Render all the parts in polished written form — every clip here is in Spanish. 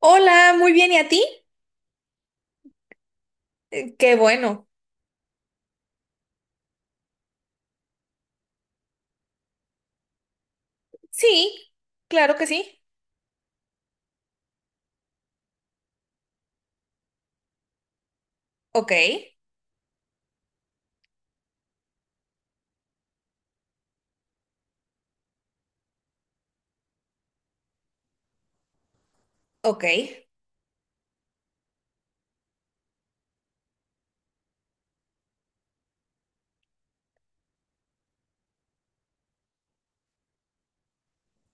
Hola, muy bien, ¿y a ti? Qué bueno. Sí, claro que sí. Ok, ok.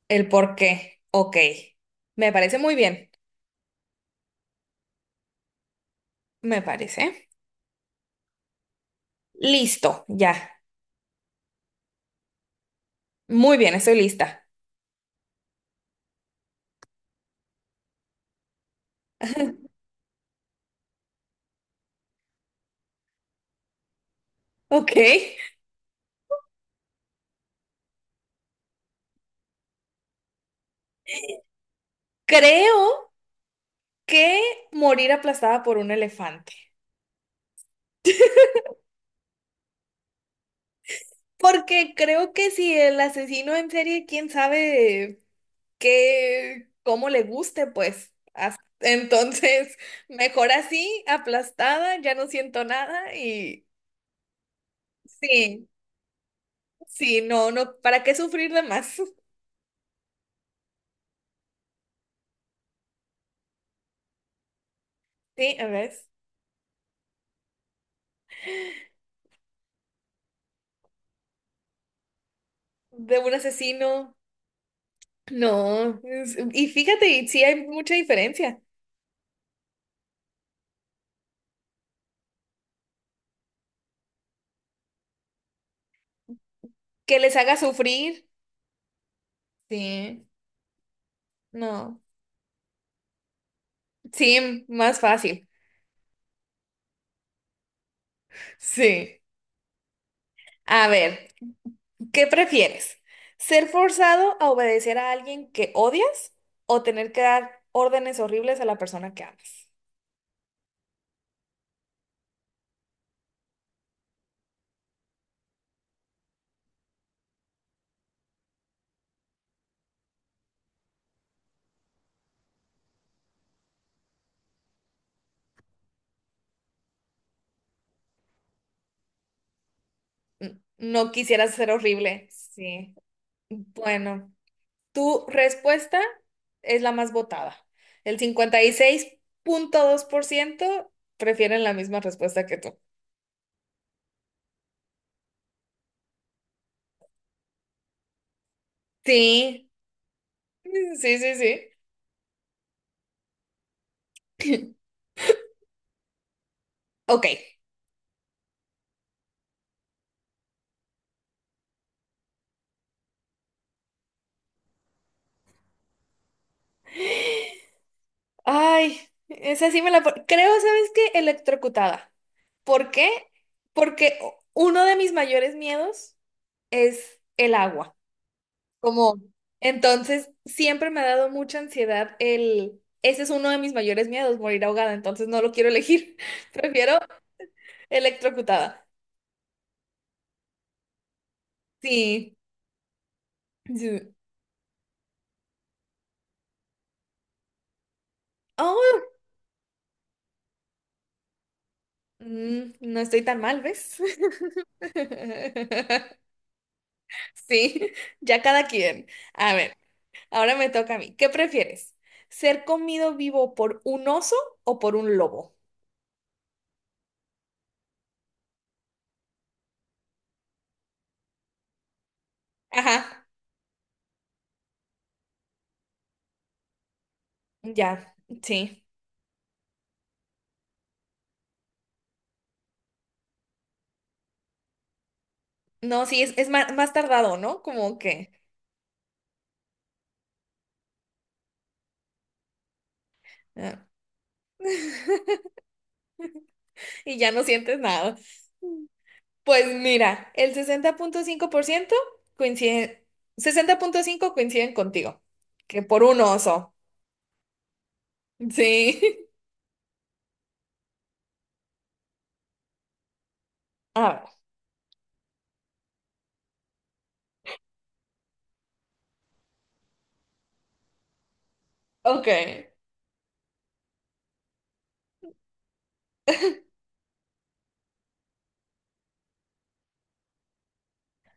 El por qué. Ok. Me parece muy bien. Me parece. Listo, ya. Muy bien, estoy lista. Ok. Creo que morir aplastada por un elefante. Porque creo que si el asesino en serie, quién sabe, que como le guste, pues. Entonces, mejor así, aplastada, ya no siento nada y sí, sí, no, no, ¿para qué sufrir de más? Sí, a ver, de un asesino, no. Y fíjate, y sí hay mucha diferencia. Que les haga sufrir, sí, no. Sí, más fácil. Sí. A ver. ¿Qué prefieres? ¿Ser forzado a obedecer a alguien que odias o tener que dar órdenes horribles a la persona que amas? No quisieras ser horrible. Sí. Bueno, tu respuesta es la más votada. El 56,2% prefieren la misma respuesta que tú. Sí, sí, sí, sí. Ok. Ay, esa sí me la... Creo, ¿sabes qué? Electrocutada. ¿Por qué? Porque uno de mis mayores miedos es el agua. Como, entonces, siempre me ha dado mucha ansiedad el... Ese es uno de mis mayores miedos, morir ahogada. Entonces, no lo quiero elegir. Prefiero electrocutada. Sí. Sí. Oh, mm, no estoy tan mal, ¿ves? Sí, ya cada quien. A ver. Ahora me toca a mí. ¿Qué prefieres? ¿Ser comido vivo por un oso o por un lobo? Ajá, ya, sí. No, sí, es más tardado, ¿no? Como que... Ah, y ya no sientes nada. Pues mira, el 60,5% coincide... 60,5 coinciden contigo, que por un oso. Sí. A ver, ok,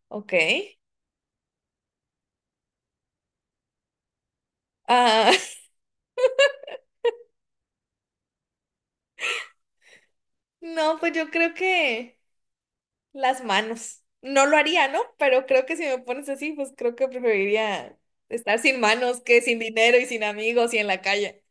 ok. Ah, no, pues yo creo que... Las manos. No lo haría, ¿no? Pero creo que si me pones así, pues creo que preferiría estar sin manos que sin dinero y sin amigos y en la calle.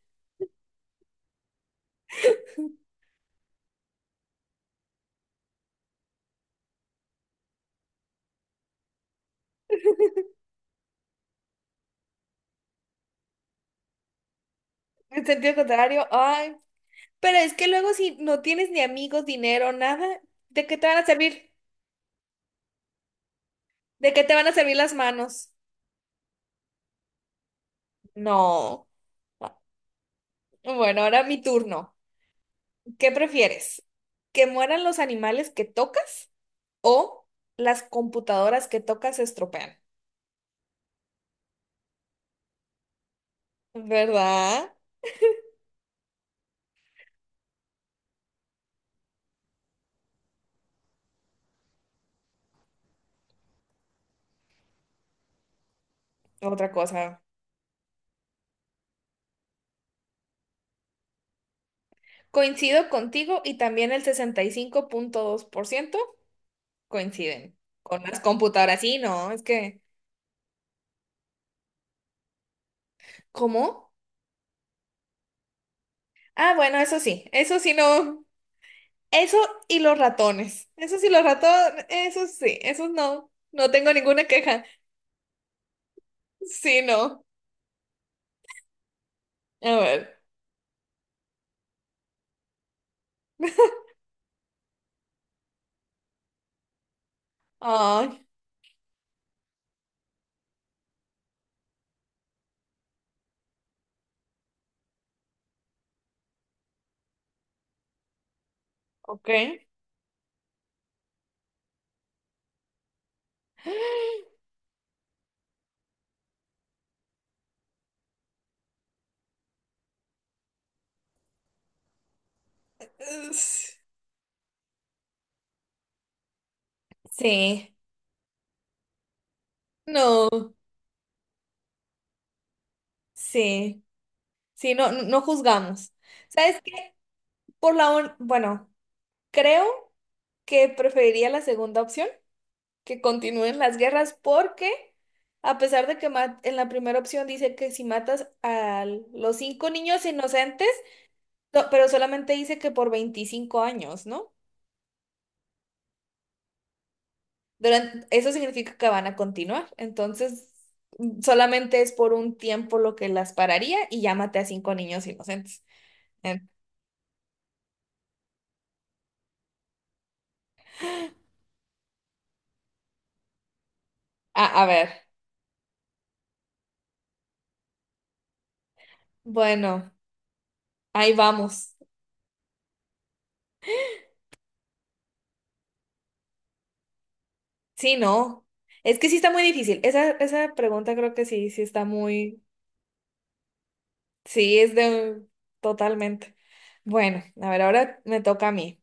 En sentido contrario, ay, pero es que luego si no tienes ni amigos, dinero, nada, ¿de qué te van a servir? ¿De qué te van a servir las manos? No. Bueno, ahora mi turno. ¿Qué prefieres? ¿Que mueran los animales que tocas o las computadoras que tocas se estropean? ¿Verdad? Otra cosa. Coincido contigo y también el 65,2% coinciden con las computadoras. Sí, no, es que, ¿cómo? Ah, bueno, eso sí no, eso y los ratones, eso sí, los ratones, eso sí, esos no, no tengo ninguna queja. Sí, no, a ver, ay, ok. Es- Sí, no, sí, sí, no, no juzgamos. ¿Sabes qué? Bueno, creo que preferiría la segunda opción que continúen las guerras porque a pesar de que en la primera opción dice que si matas a los 5 niños inocentes, no, pero solamente dice que por 25 años, ¿no? Eso significa que van a continuar. Entonces, mm, solamente es por un tiempo lo que las pararía y ya maté a 5 niños inocentes. En- a, a ver, bueno, ahí vamos. Sí, no. Es que sí está muy difícil. Esa pregunta creo que sí, sí está muy. Sí, es de... Totalmente. Bueno, a ver, ahora me toca a mí.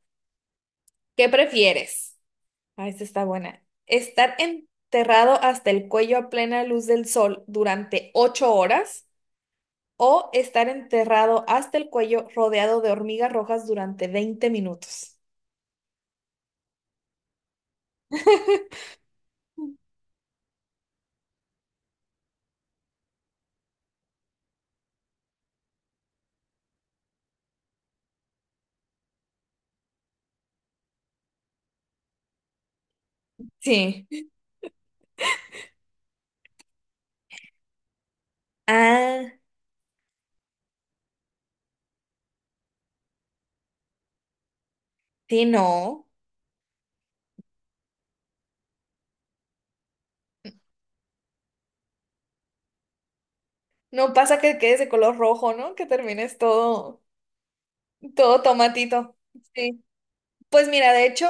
¿Qué prefieres? Ah, esta está buena. ¿Estar enterrado hasta el cuello a plena luz del sol durante 8 horas o estar enterrado hasta el cuello rodeado de hormigas rojas durante 20 minutos? Sí. Ah, sí, no. No pasa que quedes de color rojo, ¿no? Que termines todo, todo tomatito. Sí. Pues mira, de hecho,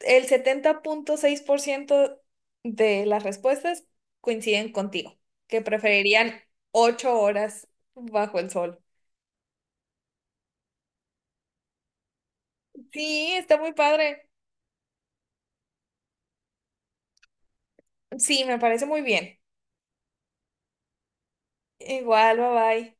el 70,6% de las respuestas coinciden contigo, que preferirían 8 horas bajo el sol. Sí, está muy padre. Sí, me parece muy bien. Igual, bye bye.